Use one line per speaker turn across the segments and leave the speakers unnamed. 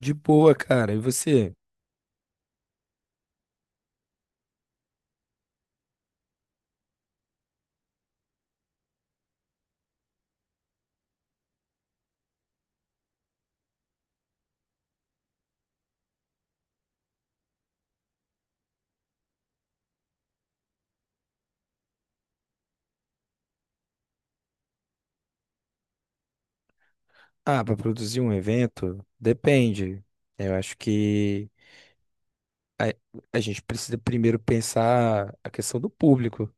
De boa, cara. E você? Ah, para produzir um evento, depende. Eu acho que a, a gente precisa primeiro pensar a questão do público.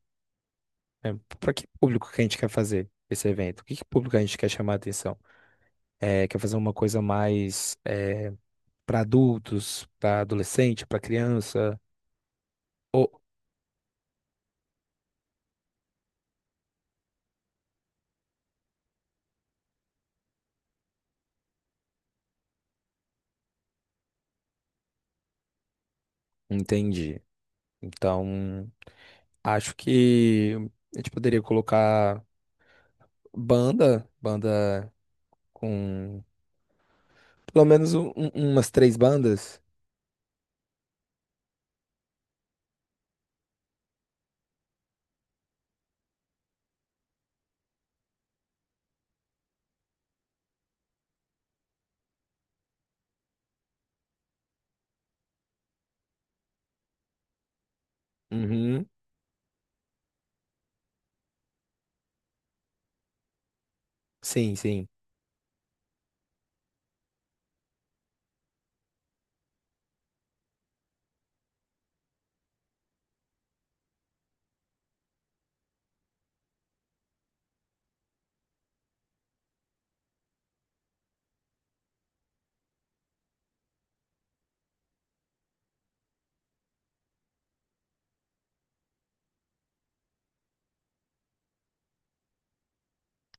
Para que público que a gente quer fazer esse evento? Que público a gente quer chamar a atenção? É, quer fazer uma coisa mais para adultos, para adolescente, para criança? Ou- entendi. Então, acho que a gente poderia colocar banda, banda. Com pelo menos umas três bandas? Uhum. Sim, sim.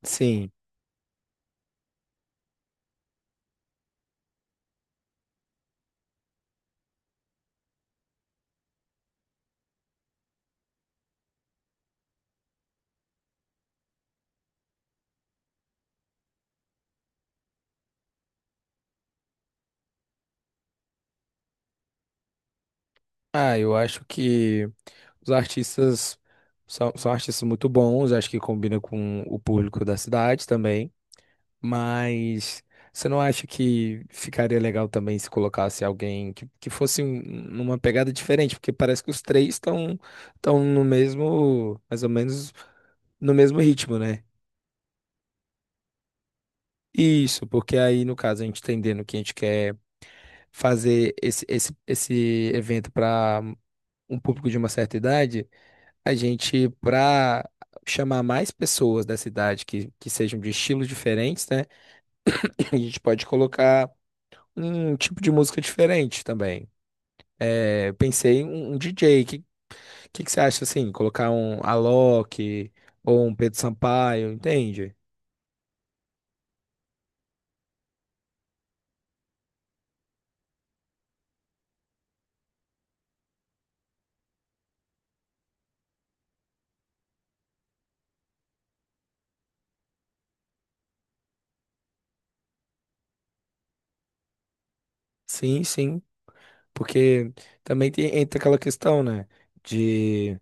Sim. Ah, eu acho que os artistas são artistas muito bons, acho que combina com o público da cidade também. Mas você não acha que ficaria legal também se colocasse alguém que fosse numa pegada diferente? Porque parece que os três estão no mesmo, mais ou menos no mesmo ritmo, né? Isso, porque aí no caso a gente tá entendendo o que a gente quer fazer esse evento para um público de uma certa idade, para chamar mais pessoas da cidade que sejam de estilos diferentes, né? A gente pode colocar um tipo de música diferente também. É, eu pensei em um DJ. O que que você acha assim? Colocar um Alok ou um Pedro Sampaio, entende? Sim, sim. Porque também tem, entra aquela questão, né? de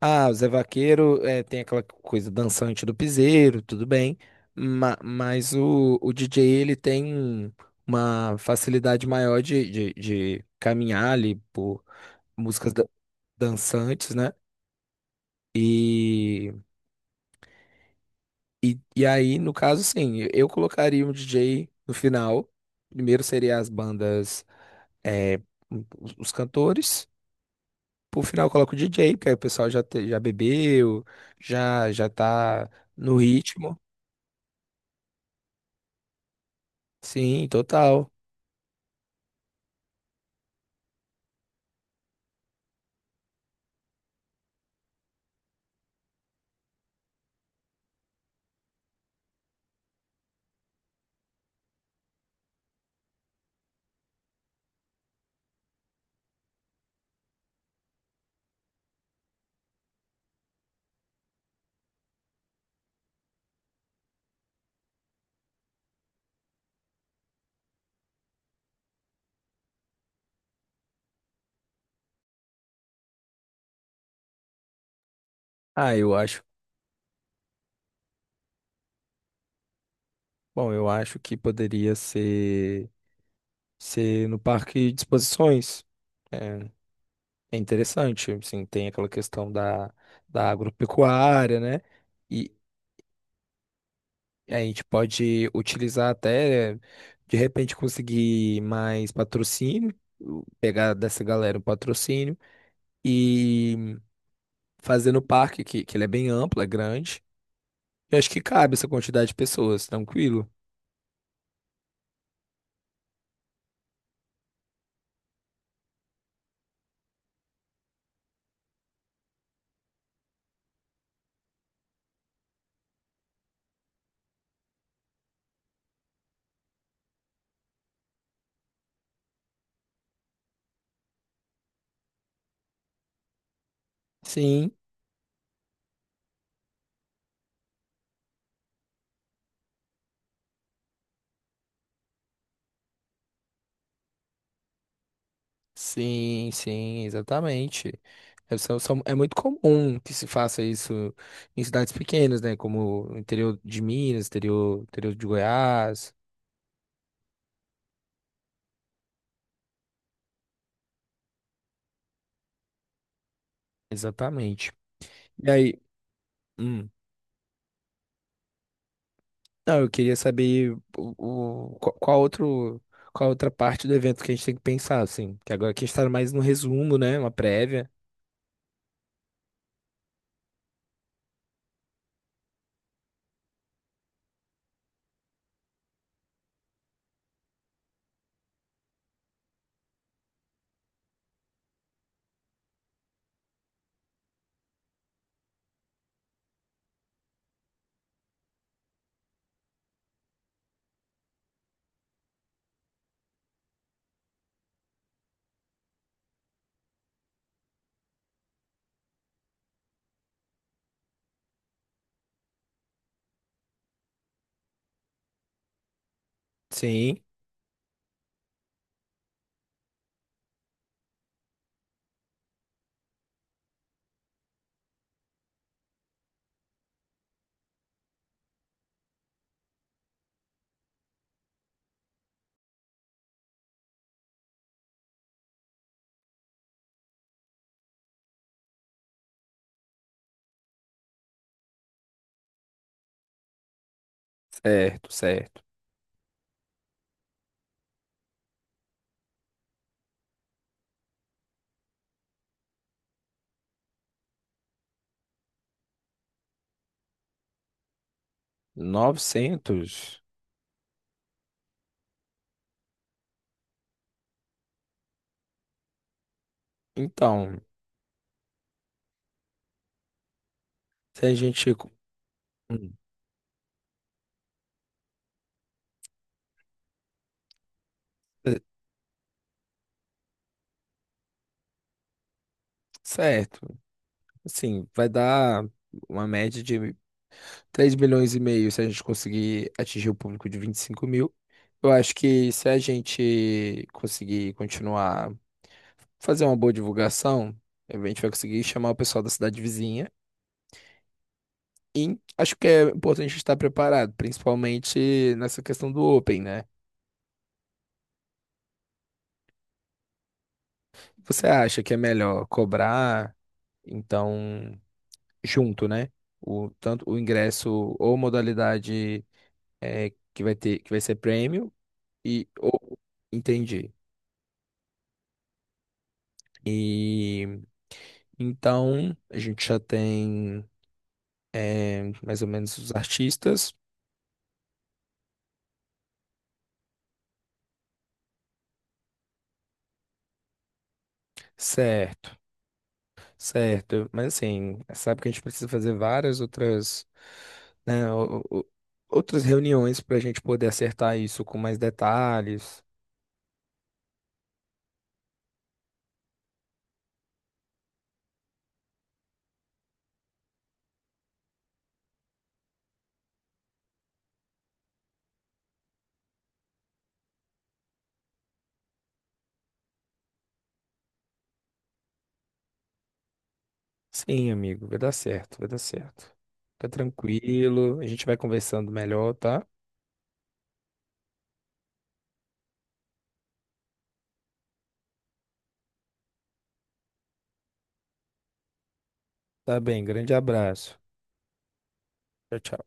Ah, o Zé Vaqueiro é, tem aquela coisa dançante do piseiro, tudo bem, mas o DJ ele tem uma facilidade maior de caminhar ali por músicas dançantes, né? E, e aí, no caso, sim, eu colocaria um DJ no final. Primeiro seria as bandas, é, os cantores. Por final, eu coloco o DJ, porque aí o pessoal já bebeu, já tá no ritmo. Sim, total. Ah, eu acho. Bom, eu acho que poderia ser no parque de exposições. É, é interessante, assim, tem aquela questão da agropecuária, né? E a gente pode utilizar até, de repente, conseguir mais patrocínio, pegar dessa galera um patrocínio e fazer no parque, que ele é bem amplo, é grande. Eu acho que cabe essa quantidade de pessoas, tranquilo. Sim. Sim, sim, exatamente. É, é muito comum que se faça isso em cidades pequenas, né? Como o interior de Minas, interior de Goiás. Exatamente. E aí, hum, não, eu queria saber qual outra parte do evento que a gente tem que pensar, assim. Que agora aqui a gente tá mais no resumo, né? Uma prévia. Sim, certo, certo. 900. Então, se a gente. Hum, é, certo. Assim, vai dar uma média de 3,5 milhões se a gente conseguir atingir o público de 25 mil. Eu acho que se a gente conseguir continuar, fazer uma boa divulgação, a gente vai conseguir chamar o pessoal da cidade vizinha. E acho que é importante estar preparado, principalmente nessa questão do Open, né? Você acha que é melhor cobrar, então, junto, né? Tanto o ingresso ou modalidade é, que vai ter, que vai ser prêmio. E oh, entendi. E então a gente já tem mais ou menos os artistas, certo, certo. Mas assim, sabe que a gente precisa fazer várias outras, né, outras reuniões para a gente poder acertar isso com mais detalhes. Sim, amigo, vai dar certo, vai dar certo. Fica tranquilo, a gente vai conversando melhor, tá? Tá bem, grande abraço. Tchau, tchau.